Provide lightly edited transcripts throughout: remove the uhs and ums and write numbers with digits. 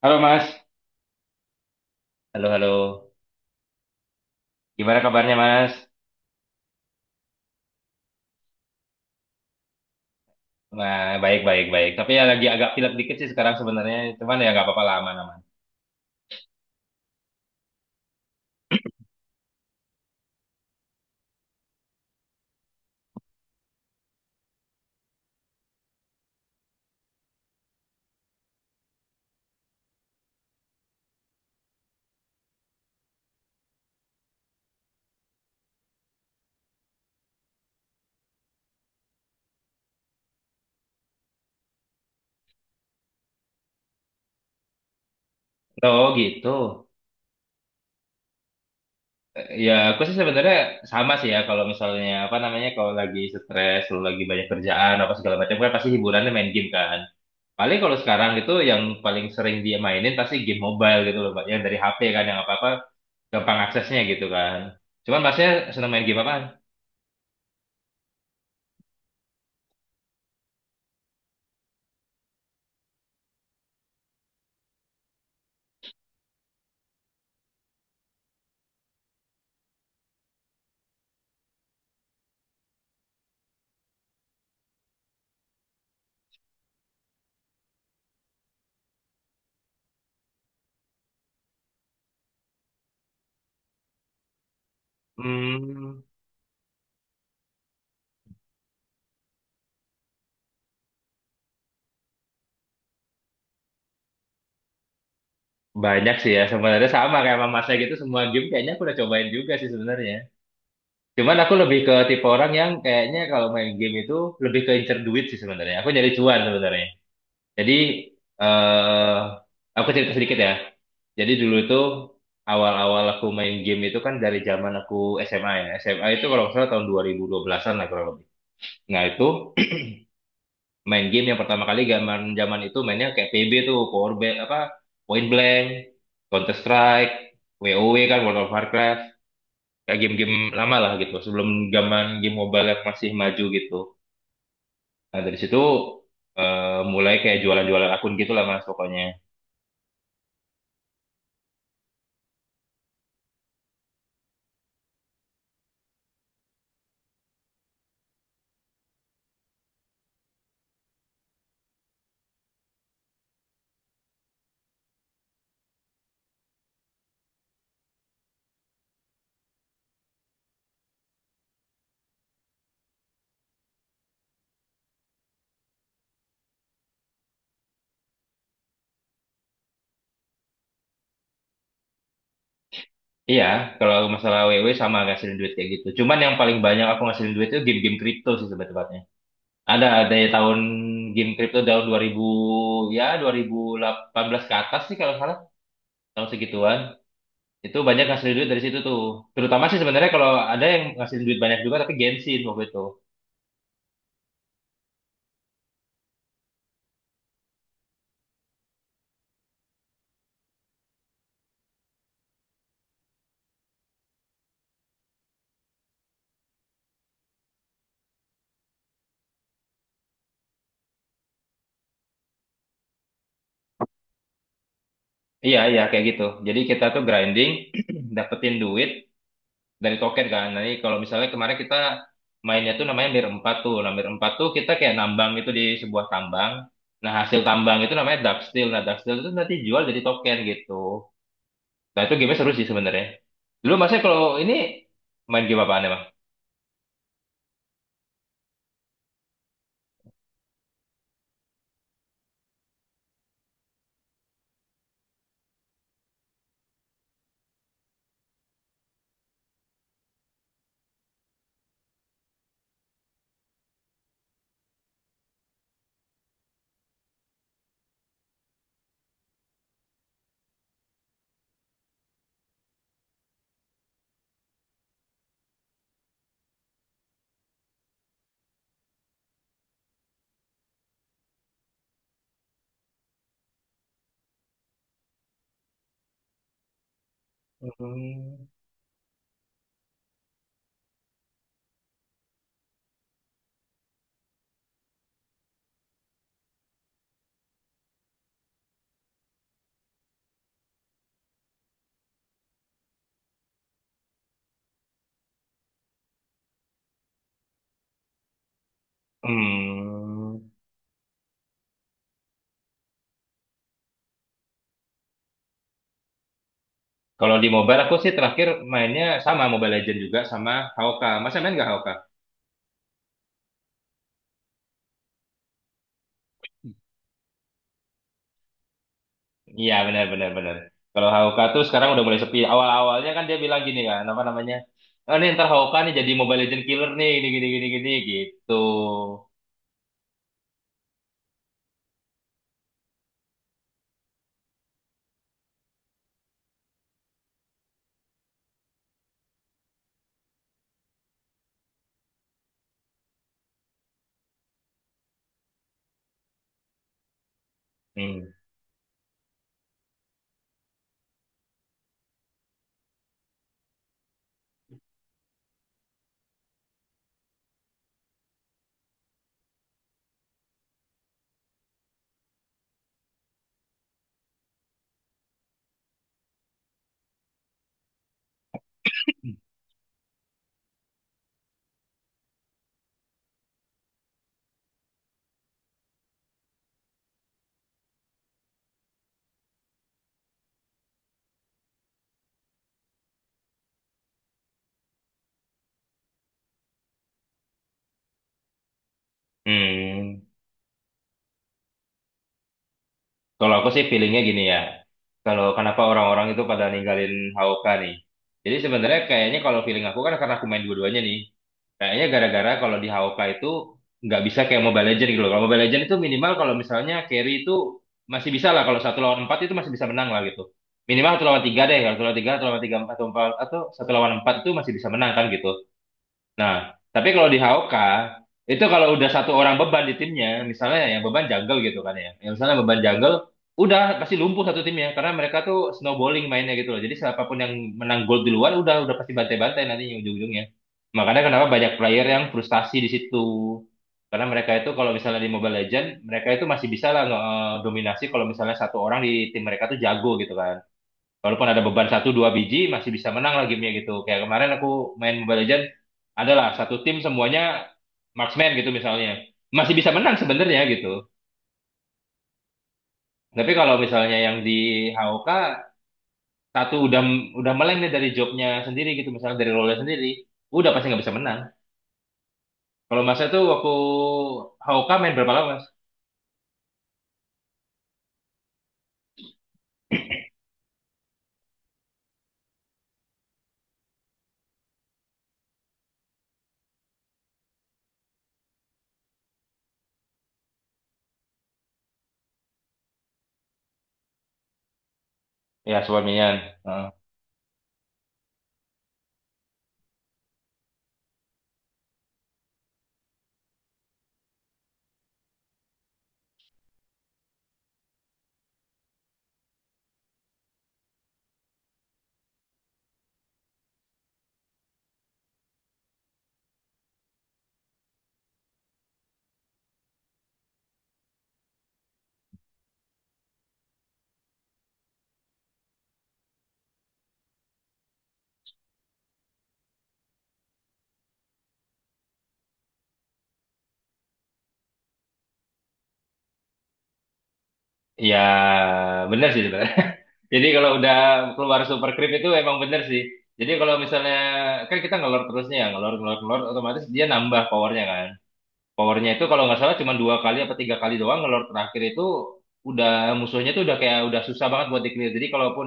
Halo Mas. Halo, halo. Gimana kabarnya Mas? Nah, baik, baik, baik. Tapi ya lagi agak pilek dikit sih sekarang sebenarnya. Cuman ya nggak apa-apa lah, aman-aman. Oh gitu. Ya aku sih sebenarnya sama sih ya kalau misalnya apa namanya, kalau lagi stres, kalau lagi banyak kerjaan apa segala macam kan pasti hiburannya main game kan. Paling kalau sekarang itu yang paling sering dia mainin pasti game mobile gitu loh, Mbak. Yang dari HP kan yang apa-apa gampang aksesnya gitu kan. Cuman Masnya senang main game apaan? Hmm. Banyak sih ya, sebenarnya sama kayak sama masnya gitu, semua game kayaknya aku udah cobain juga sih sebenarnya. Cuman aku lebih ke tipe orang yang kayaknya kalau main game itu lebih ke incer duit sih sebenarnya. Aku nyari cuan sebenarnya. Jadi, eh aku cerita sedikit ya. Jadi dulu itu awal-awal aku main game itu kan dari zaman aku SMA ya. SMA itu kalau nggak salah tahun 2012-an lah kurang lebih. Nah itu main game yang pertama kali zaman zaman itu mainnya kayak P B tuh, Power Ba- apa Point Blank, Counter Strike, W O W kan, World of Warcraft, kayak game-game lama lah gitu sebelum zaman game mobile yang masih maju gitu. Nah dari situ mulai kayak jualan-jualan akun gitu lah mas pokoknya. Iya, kalau masalah W W sama ngasilin duit kayak gitu, cuman yang paling banyak aku ngasilin duit itu game-game kripto sih sebetulnya. Ada dari tahun, game kripto tahun 2018 ke atas sih kalau nggak salah, tahun segituan. Itu banyak ngasih duit dari situ tuh. Terutama sih sebenarnya kalau ada yang ngasih duit banyak juga tapi gengsin waktu itu. Iya, iya kayak gitu. Jadi kita tuh grinding, dapetin duit dari token kan. Nanti kalau misalnya kemarin kita mainnya tuh namanya mir empat tuh. Nah, mir 4 tuh kita kayak nambang itu di sebuah tambang. Nah, hasil tambang itu namanya dark steel. Nah, dark steel itu nanti jual jadi token gitu. Nah, itu game seru sih sebenarnya. Dulu masnya kalau ini main game apaan emang? Hmm. Hmm. Kalau di mobile aku sih terakhir mainnya sama Mobile Legend juga sama Hawka. Masa main nggak Hawka? Iya benar benar benar. Kalau Hawka tuh sekarang udah mulai sepi. Awal-awalnya kan dia bilang gini kan, apa namanya? Oh nih ntar Hawka nih jadi Mobile Legend killer nih, gini gini gini gini gitu. Hmm. Hmm. Kalau aku sih feelingnya gini ya. Kalau kenapa orang-orang itu pada ninggalin Hawka nih? Jadi sebenarnya kayaknya kalau feeling aku kan karena aku main dua-duanya nih. Kayaknya gara-gara kalau di HOK itu nggak bisa kayak Mobile Legends gitu loh. Kalau Mobile Legends itu minimal kalau misalnya carry itu masih bisa lah. Kalau satu lawan empat itu masih bisa menang lah gitu. Minimal satu lawan tiga deh. Kalau satu lawan tiga, atau empat, atau satu lawan empat itu masih bisa menang kan gitu. Nah, tapi kalau di HOK itu kalau udah satu orang beban di timnya, misalnya yang beban jungle gitu kan ya. Yang misalnya beban jungle udah pasti lumpuh satu timnya karena mereka tuh snowballing mainnya gitu loh. Jadi siapapun yang menang gol duluan udah pasti bantai-bantai nantinya ujung-ujungnya. Makanya kenapa banyak player yang frustasi di situ. Karena mereka itu kalau misalnya di Mobile Legends, mereka itu masih bisa lah dominasi kalau misalnya satu orang di tim mereka tuh jago gitu kan, walaupun ada beban satu dua biji masih bisa menang lah gamenya, gitu kayak kemarin aku main Mobile Legends adalah satu tim semuanya marksman gitu misalnya masih bisa menang sebenarnya gitu. Tapi kalau misalnya yang di HOK satu udah meleng nih dari jobnya sendiri gitu, misalnya dari role sendiri udah pasti nggak bisa menang. Kalau masnya itu waktu HOK main berapa lama mas? Ya suamian. Ya, benar sih sebenarnya. Jadi kalau udah keluar super creep itu emang benar sih. Jadi kalau misalnya kan kita ngelor terusnya ya, ngelor ngelor ngelor otomatis dia nambah powernya kan. Powernya itu kalau nggak salah cuma dua kali apa tiga kali doang ngelor terakhir itu udah musuhnya tuh udah kayak udah susah banget buat di-clear. Jadi kalaupun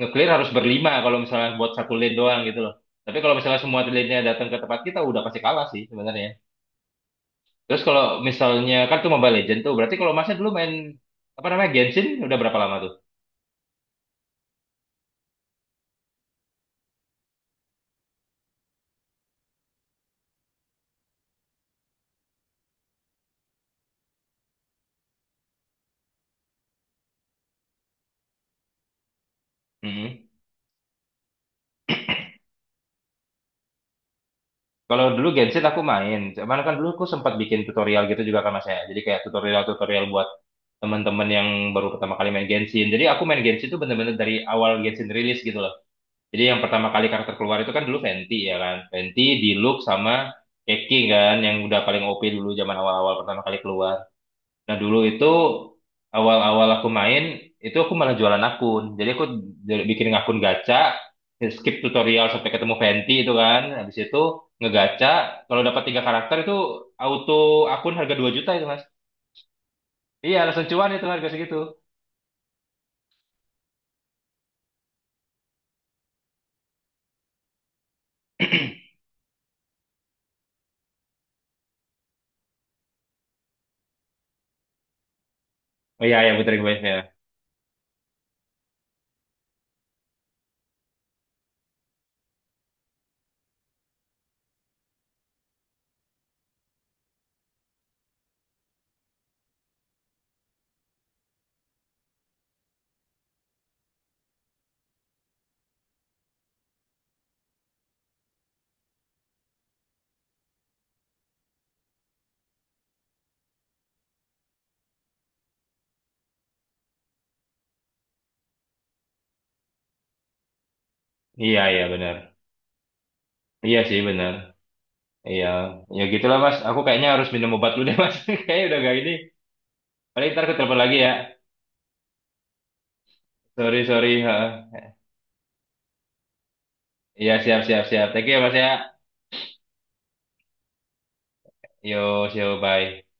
nge-clear harus berlima kalau misalnya buat satu lane doang gitu loh. Tapi kalau misalnya semua lane-nya datang ke tempat kita udah pasti kalah sih sebenarnya. Terus kalau misalnya kan tuh Mobile Legend tuh berarti kalau masnya dulu main apa namanya Genshin udah berapa lama tuh? Mm-mm. Kalau dulu Genshin aku main, cuman kan dulu aku sempat bikin tutorial gitu juga kan mas ya. Jadi kayak tutorial-tutorial buat teman-teman yang baru pertama kali main Genshin. Jadi aku main Genshin itu bener-bener dari awal Genshin rilis gitu loh. Jadi yang pertama kali karakter keluar itu kan dulu Fenty ya kan. Fenty, Diluc sama Keki kan yang udah paling OP dulu zaman awal-awal pertama kali keluar. Nah dulu itu awal-awal aku main itu aku malah jualan akun. Jadi aku bikin akun gacha, skip tutorial sampai ketemu Fenty itu kan. Habis itu ngegacha, kalau dapat tiga karakter itu auto akun harga 2 juta itu mas. Iya langsung cuan itu harga segitu. Oh iya iya Putri Quest ya. Iya iya benar. Iya sih benar. Iya ya gitulah mas. Aku kayaknya harus minum obat dulu deh mas. Kayaknya udah gak ini. Paling ntar aku telepon lagi ya. Sorry sorry. Ha. Iya siap siap siap. Thank you ya mas ya. Yo, yo, bye.